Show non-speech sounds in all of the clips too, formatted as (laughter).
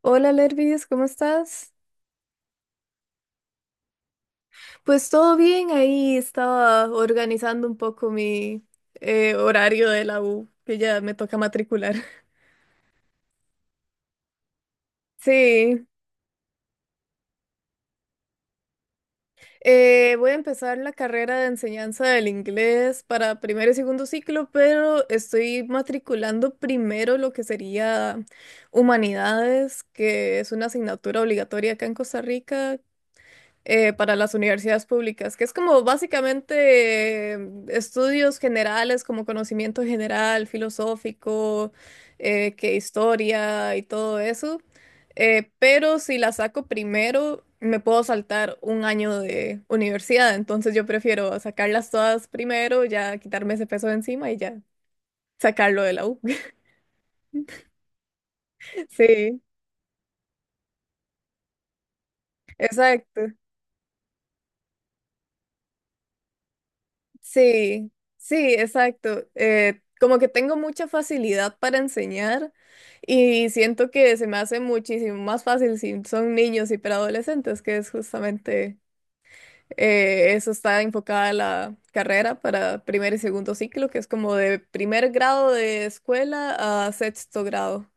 Hola Lervis, ¿cómo estás? Pues todo bien, ahí estaba organizando un poco mi horario de la U, que ya me toca matricular. (laughs) Sí, Voy a empezar la carrera de enseñanza del inglés para primero y segundo ciclo, pero estoy matriculando primero lo que sería humanidades, que es una asignatura obligatoria acá en Costa Rica, para las universidades públicas, que es como básicamente estudios generales, como conocimiento general, filosófico, que historia y todo eso. Pero si la saco primero, me puedo saltar un año de universidad, entonces yo prefiero sacarlas todas primero, ya quitarme ese peso de encima y ya sacarlo de la U. (laughs) Sí, exacto. Sí, sí, exacto. Como que tengo mucha facilidad para enseñar y siento que se me hace muchísimo más fácil si son niños y preadolescentes, que es justamente eso está enfocada la carrera para primer y segundo ciclo, que es como de primer grado de escuela a sexto grado.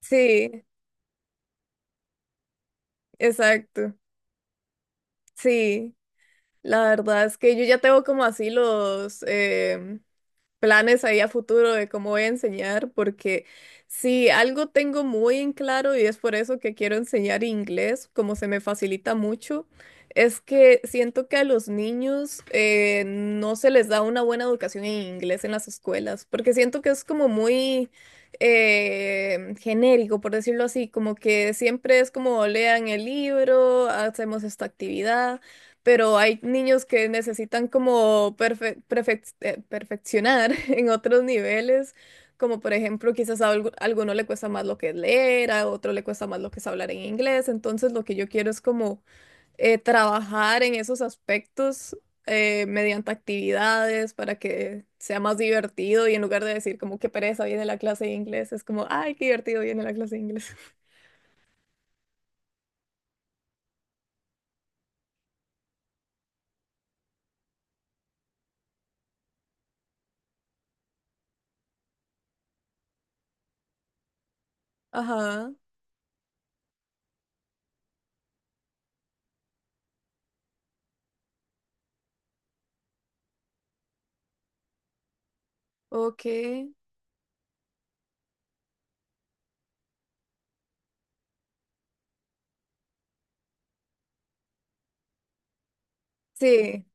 Sí, exacto. Sí, la verdad es que yo ya tengo como así los planes ahí a futuro de cómo voy a enseñar, porque si algo tengo muy en claro y es por eso que quiero enseñar inglés, como se me facilita mucho, es que siento que a los niños no se les da una buena educación en inglés en las escuelas, porque siento que es como muy genérico, por decirlo así, como que siempre es como lean el libro, hacemos esta actividad pero hay niños que necesitan como perfeccionar (laughs) en otros niveles, como por ejemplo, quizás a alguno le cuesta más lo que es leer, a otro le cuesta más lo que es hablar en inglés, entonces lo que yo quiero es como trabajar en esos aspectos mediante actividades para que sea más divertido y en lugar de decir como qué pereza viene la clase de inglés, es como, ay, qué divertido viene la clase de inglés. (laughs) Ajá, ok. Sí,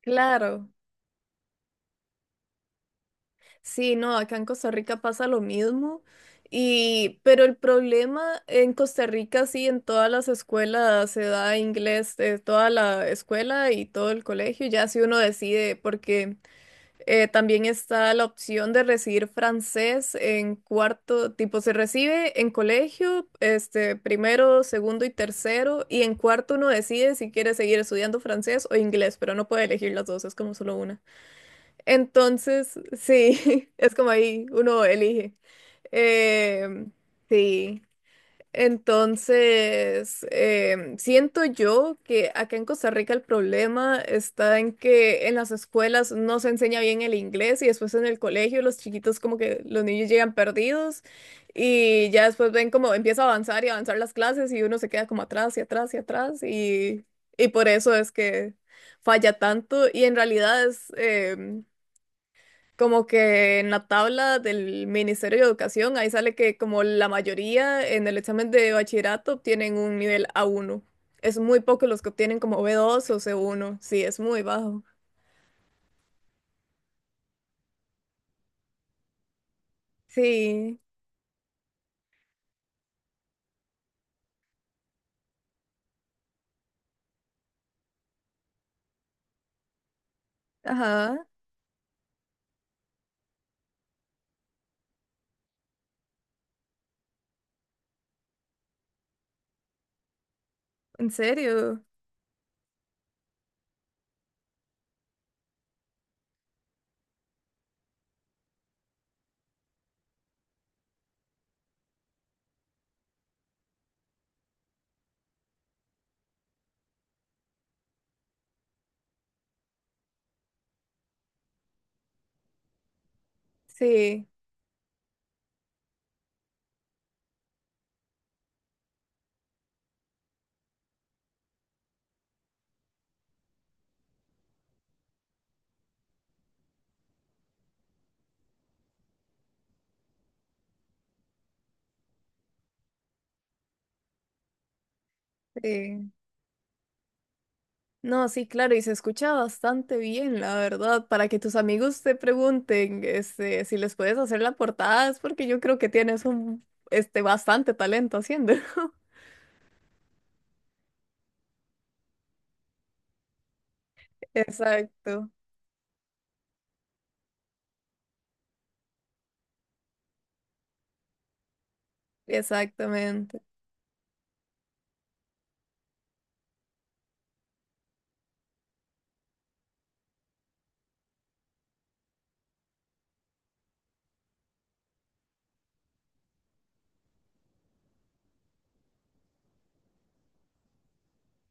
claro. Sí, no, acá en Costa Rica pasa lo mismo. Y, pero el problema en Costa Rica, sí, en todas las escuelas se da inglés, toda la escuela y todo el colegio, ya si uno decide, porque también está la opción de recibir francés en cuarto, tipo se recibe en colegio, este, primero, segundo y tercero, y en cuarto uno decide si quiere seguir estudiando francés o inglés, pero no puede elegir las dos, es como solo una. Entonces, sí, (laughs) es como ahí uno elige. Em, sí, entonces, siento yo que acá en Costa Rica el problema está en que en las escuelas no se enseña bien el inglés y después en el colegio los chiquitos como que los niños llegan perdidos y ya después ven como empieza a avanzar y avanzar las clases y uno se queda como atrás y atrás y atrás y por eso es que falla tanto y en realidad es como que en la tabla del Ministerio de Educación, ahí sale que como la mayoría en el examen de bachillerato obtienen un nivel A1. Es muy poco los que obtienen como B2 o C1. Sí, es muy bajo. Sí, ajá, en serio. Sí, sí. No, sí, claro, y se escucha bastante bien, la verdad. Para que tus amigos te pregunten, este, si les puedes hacer la portada, es porque yo creo que tienes un, este, bastante talento haciendo. (laughs) Exacto. Exactamente.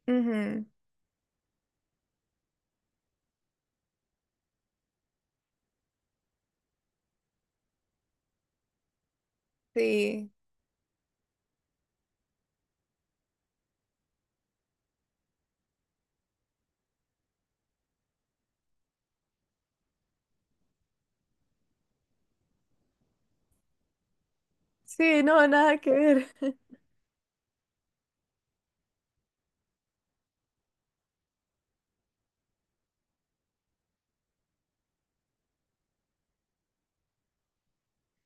Ujú, sí, sí, no, nada que ver. (laughs)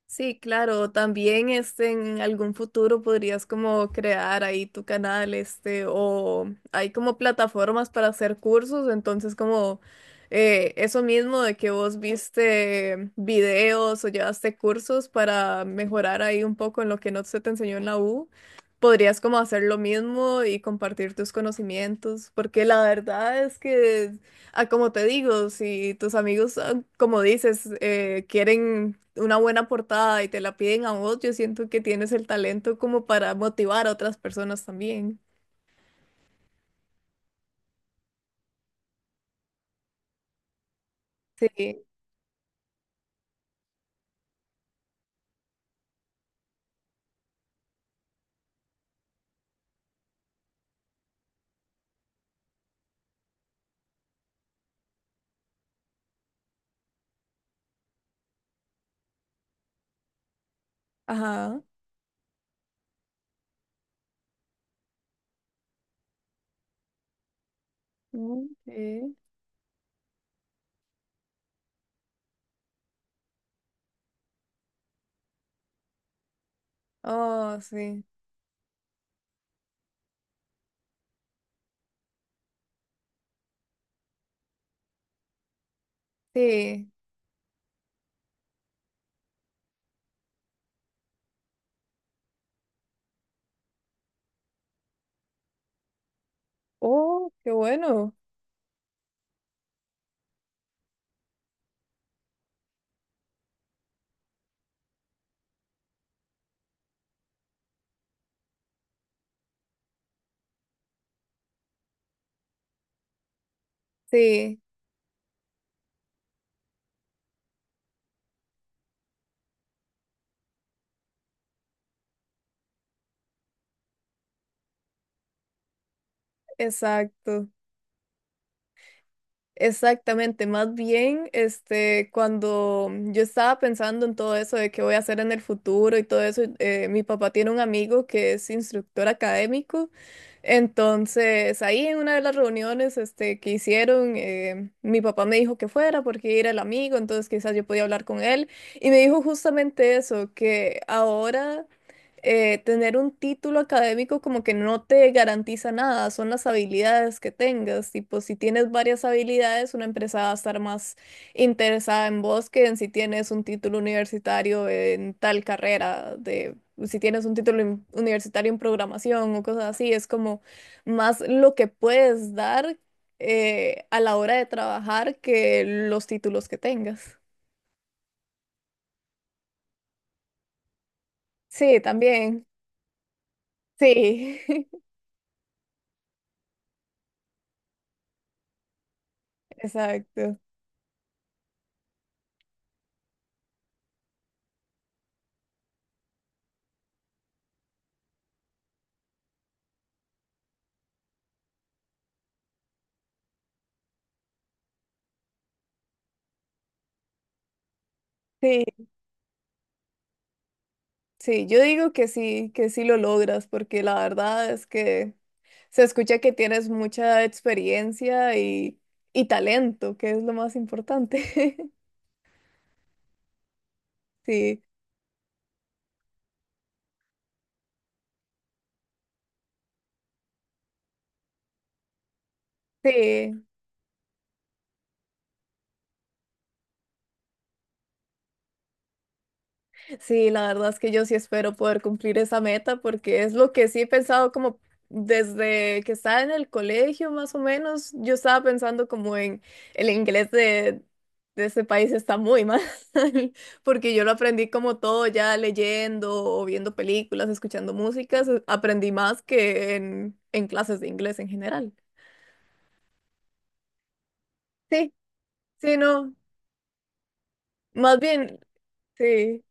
Sí, claro, también este, en algún futuro podrías como crear ahí tu canal, este, o hay como plataformas para hacer cursos, entonces como eso mismo de que vos viste videos o llevaste cursos para mejorar ahí un poco en lo que no se te enseñó en la U, podrías como hacer lo mismo y compartir tus conocimientos, porque la verdad es que... Ah, como te digo, si tus amigos, ah, como dices, quieren una buena portada y te la piden a vos, yo siento que tienes el talento como para motivar a otras personas también. Sí, ajá. Mm, sí. Oh, sí, sí. Oh, qué bueno. Sí, exacto. Exactamente, más bien, este, cuando yo estaba pensando en todo eso de qué voy a hacer en el futuro y todo eso, mi papá tiene un amigo que es instructor académico, entonces ahí en una de las reuniones, este, que hicieron, mi papá me dijo que fuera porque era el amigo, entonces quizás yo podía hablar con él y me dijo justamente eso, que ahora tener un título académico como que no te garantiza nada, son las habilidades que tengas. Tipo, si tienes varias habilidades, una empresa va a estar más interesada en vos que en si tienes un título universitario en tal carrera de... Si tienes un título universitario en programación o cosas así, es como más lo que puedes dar a la hora de trabajar que los títulos que tengas. Sí, también. Sí, (laughs) exacto. Sí. Sí, yo digo que sí lo logras, porque la verdad es que se escucha que tienes mucha experiencia y talento, que es lo más importante. (laughs) Sí, sí. Sí, la verdad es que yo sí espero poder cumplir esa meta porque es lo que sí he pensado como desde que estaba en el colegio más o menos, yo estaba pensando como en el inglés de este país está muy mal (laughs) porque yo lo aprendí como todo ya leyendo o viendo películas, escuchando músicas, aprendí más que en clases de inglés en general. Sí, sí, no, más bien, sí,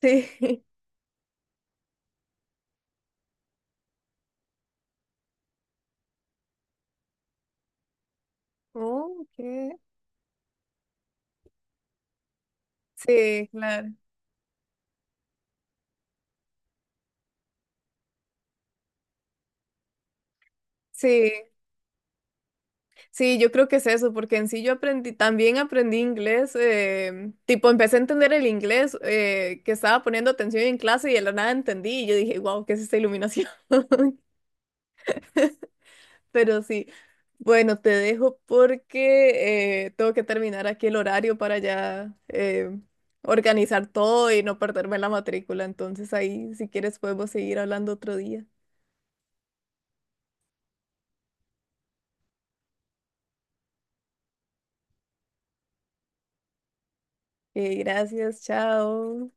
sí. (laughs) Oh, ok. Sí, claro. Sí. Sí, yo creo que es eso, porque en sí yo aprendí, también aprendí inglés, tipo empecé a entender el inglés que estaba poniendo atención en clase y de la nada entendí y yo dije, wow, ¿qué es esta iluminación? (laughs) Pero sí, bueno, te dejo porque tengo que terminar aquí el horario para ya organizar todo y no perderme la matrícula, entonces ahí si quieres podemos seguir hablando otro día. Gracias, chao.